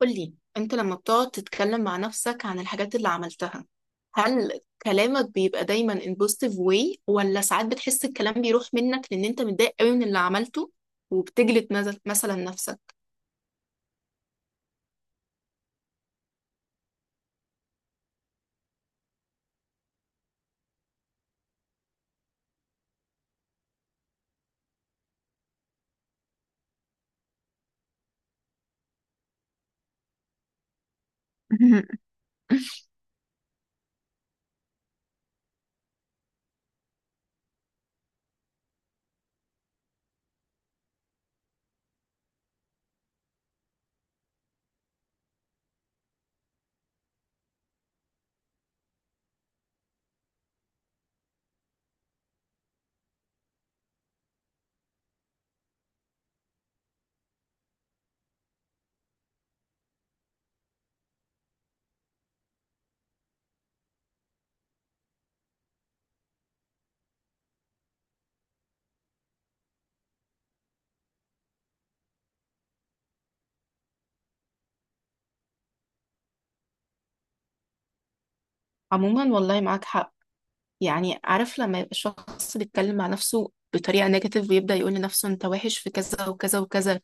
قولي انت لما بتقعد تتكلم مع نفسك عن الحاجات اللي عملتها، هل كلامك بيبقى دايما in positive way ولا ساعات بتحس الكلام بيروح منك لان انت متضايق قوي من اللي عملته وبتجلد مثلا نفسك؟ مهم. عموما والله معاك حق. يعني عارف لما يبقى الشخص بيتكلم مع نفسه بطريقة نيجاتيف ويبدأ يقول لنفسه انت وحش في كذا وكذا وكذا،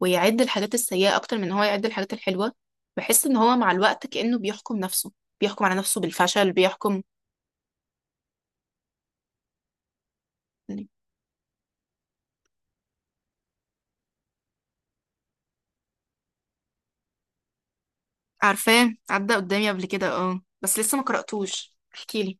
ويعد الحاجات السيئة اكتر من هو يعد الحاجات الحلوة، بحس ان هو مع الوقت كأنه بيحكم نفسه، بيحكم على نفسه بالفشل، بيحكم. عارفاه عدى قدامي قبل كده، اه بس لسه ما قرأتوش، احكيلي.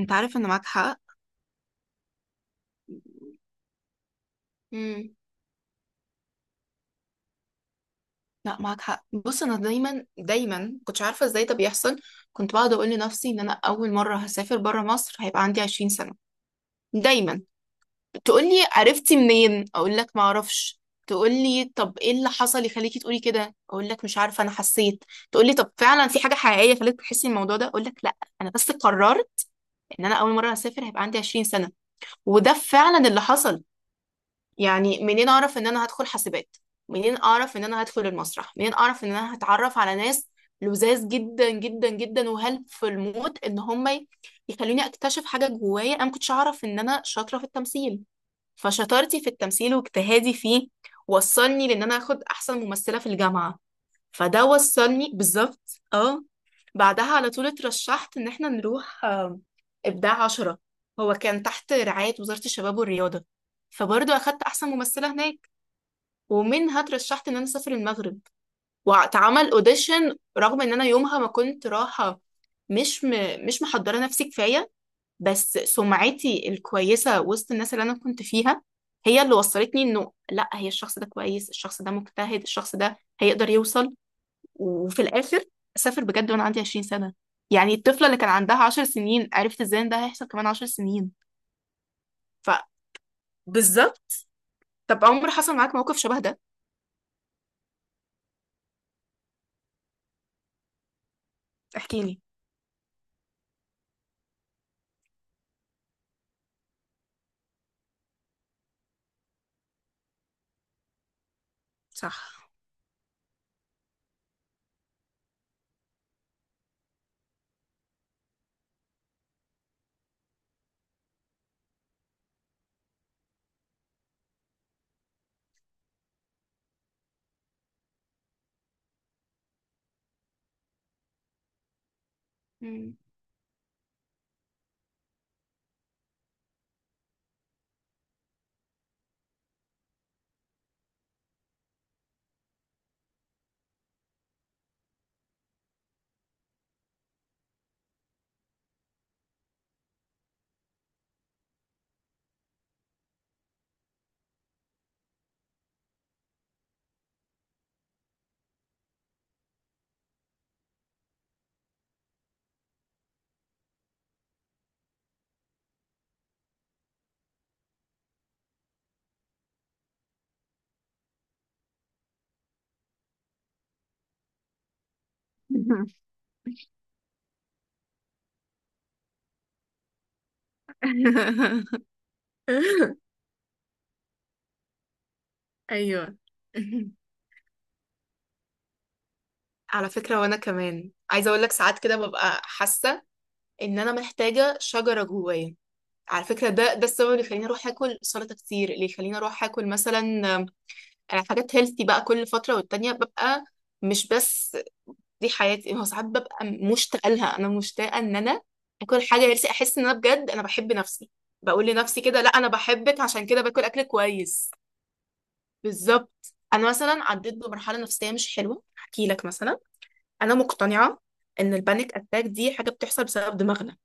انت عارف ان معاك حق. امم، لا معاك حق. بص انا دايما كنتش عارفه ازاي ده بيحصل. كنت بقعد اقول لنفسي ان انا اول مره هسافر بره مصر هيبقى عندي 20 سنه. دايما تقول لي عرفتي منين، اقول لك ما اعرفش. تقول لي طب ايه اللي حصل يخليكي تقولي كده، اقول لك مش عارفه انا حسيت. تقول لي طب فعلا في حاجه حقيقيه خلتك تحسي الموضوع ده، اقول لك لا انا بس قررت ان انا اول مره هسافر هيبقى عندي 20 سنه. وده فعلا اللي حصل. يعني منين اعرف ان انا هدخل حاسبات، منين اعرف ان انا هدخل المسرح، منين اعرف ان انا هتعرف على ناس لذاذ جدا وهلب في الموت ان هم يخلوني اكتشف حاجه جوايا. انا ما كنتش اعرف ان انا شاطره في التمثيل، فشطارتي في التمثيل واجتهادي فيه وصلني لان انا اخد احسن ممثله في الجامعه. فده وصلني بالظبط. اه، بعدها على طول اترشحت ان احنا نروح ابداع عشرة. هو كان تحت رعاية وزارة الشباب والرياضة، فبرضه اخدت احسن ممثلة هناك. ومنها اترشحت ان انا اسافر المغرب واتعمل اوديشن، رغم ان انا يومها ما كنت رايحة، مش م... مش محضرة نفسي كفاية. بس سمعتي الكويسة وسط الناس اللي انا كنت فيها هي اللي وصلتني انه لا، هي الشخص ده كويس، الشخص ده مجتهد، الشخص ده هيقدر يوصل. وفي الاخر اسافر بجد وانا عندي 20 سنه. يعني الطفله اللي كان عندها 10 سنين عرفت ازاي ان ده هيحصل كمان 10 سنين. ف بالظبط. طب عمر حصل معاك موقف شبه ده؟ احكي لي. صح. مم. ايوه، على فكرة وأنا كمان عايزة أقول لك ساعات كده ببقى حاسة إن أنا محتاجة شجرة جوايا. على فكرة، ده السبب اللي يخليني أروح آكل سلطة كتير، اللي يخليني أروح آكل مثلا آم، حاجات هيلثي بقى. كل فترة والتانية ببقى، مش بس دي حياتي، ما هو ساعات ببقى مشتاقه لها. انا مشتاقه ان انا اكل حاجه، نفسي احس ان انا بجد انا بحب نفسي، بقول لنفسي كده لا انا بحبك عشان كده باكل اكل كويس. بالظبط. انا مثلا عديت بمرحله نفسيه مش حلوه، احكي لك مثلا. انا مقتنعه ان البانيك اتاك دي حاجه بتحصل بسبب دماغنا.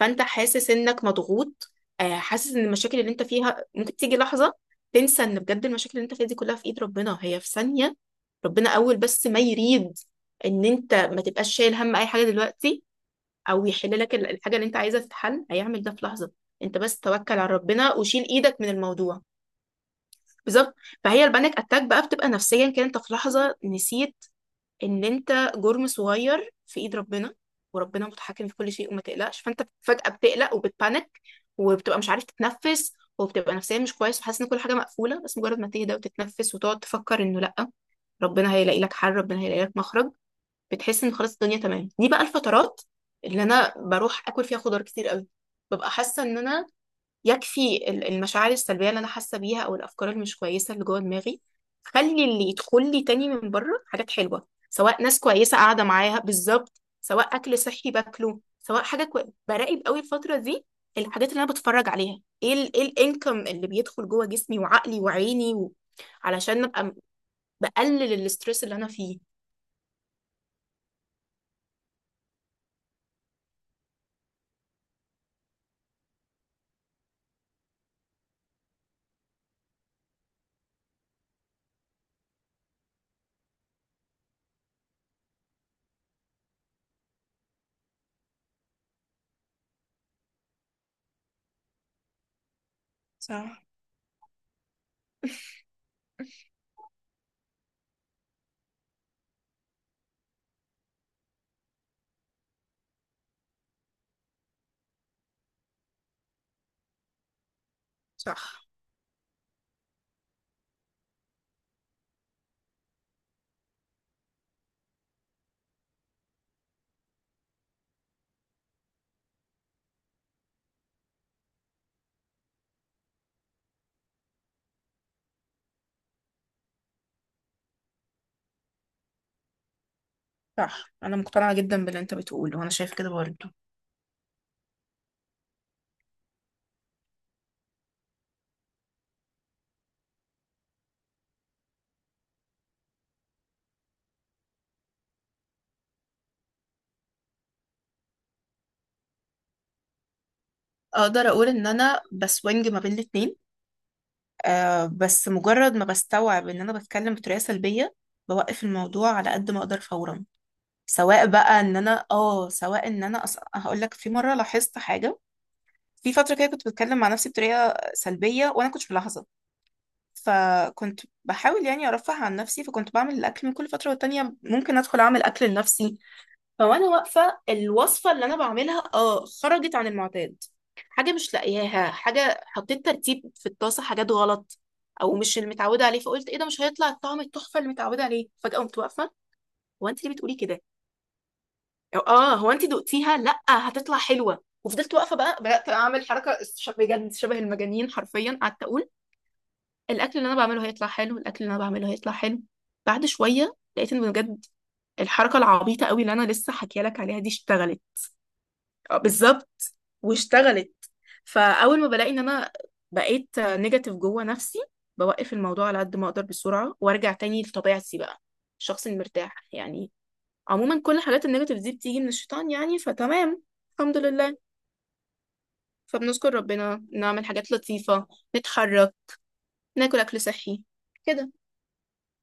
فانت حاسس انك مضغوط، حاسس ان المشاكل اللي انت فيها ممكن تيجي لحظة تنسى ان بجد المشاكل اللي انت فيها دي كلها في ايد ربنا، هي في ثانية ربنا اول بس ما يريد ان انت ما تبقاش شايل هم اي حاجة دلوقتي، او يحل لك الحاجة اللي انت عايزها تتحل هيعمل ده في لحظة. انت بس توكل على ربنا وشيل ايدك من الموضوع. بالظبط. فهي البانيك اتاك بقى بتبقى نفسيا كده، انت في لحظة نسيت ان انت جرم صغير في ايد ربنا، وربنا متحكم في كل شيء وما تقلقش. فانت فجأة بتقلق وبتبانك وبتبقى مش عارف تتنفس وبتبقى نفسيا مش كويس وحاسس ان كل حاجة مقفولة. بس مجرد ما تهدى وتتنفس وتقعد تفكر انه لا، ربنا هيلاقي لك حل، ربنا هيلاقي لك مخرج، بتحس ان خلاص الدنيا تمام. دي بقى الفترات اللي انا بروح اكل فيها خضار كتير قوي. ببقى حاسة ان انا يكفي المشاعر السلبية اللي أنا حاسة بيها أو الأفكار اللي مش كويسة اللي جوه دماغي، خلي اللي يدخل لي تاني من بره حاجات حلوة، سواء ناس كويسة قاعدة معاها بالظبط، سواء أكل صحي باكله، سواء براقب قوي الفترة دي الحاجات اللي أنا بتفرج عليها، إيه إيه الإنكم اللي بيدخل جوه جسمي وعقلي وعيني و...، علشان أبقى بقلل الاسترس اللي أنا فيه. صح صح صح. انا مقتنعه جدا باللي انت بتقوله وانا شايفه كده برضه. اقدر اقول ان انا بسوينج ما بين الاتنين. آه بس مجرد ما بستوعب ان انا بتكلم بطريقه سلبيه بوقف الموضوع على قد ما اقدر فورا. سواء بقى ان انا اه، سواء ان انا هقول لك في مره لاحظت حاجه. في فتره كده كنت بتكلم مع نفسي بطريقه سلبيه وانا كنتش ملاحظه، فكنت بحاول يعني ارفه عن نفسي، فكنت بعمل الاكل من كل فتره والتانيه ممكن ادخل اعمل اكل لنفسي. فوانا واقفة الوصفة اللي انا بعملها اه خرجت عن المعتاد، حاجة مش لاقياها، حاجة حطيت ترتيب في الطاسة حاجات غلط او مش المتعودة عليه، فقلت ايه ده مش هيطلع الطعم التحفة اللي متعودة عليه. فجأة قمت واقفة، هو انت ليه بتقولي كده؟ أو اه هو انت دقتيها؟ لا هتطلع حلوة. وفضلت واقفة بقى بدأت اعمل حركة بجد شبه المجانين، حرفيا قعدت اقول الاكل اللي انا بعمله هيطلع حلو، الاكل اللي انا بعمله هيطلع حلو. بعد شوية لقيت ان بجد الحركة العبيطة قوي اللي انا لسه حكيالك عليها دي اشتغلت. بالظبط، واشتغلت. فاول ما بلاقي ان انا بقيت نيجاتيف جوه نفسي بوقف الموضوع على قد ما اقدر بسرعه وارجع تاني لطبيعتي بقى الشخص المرتاح يعني. عموما كل حالات النيجاتيف دي بتيجي من الشيطان يعني، فتمام، الحمد لله. فبنشكر ربنا، نعمل حاجات لطيفه، نتحرك، ناكل اكل صحي، كده.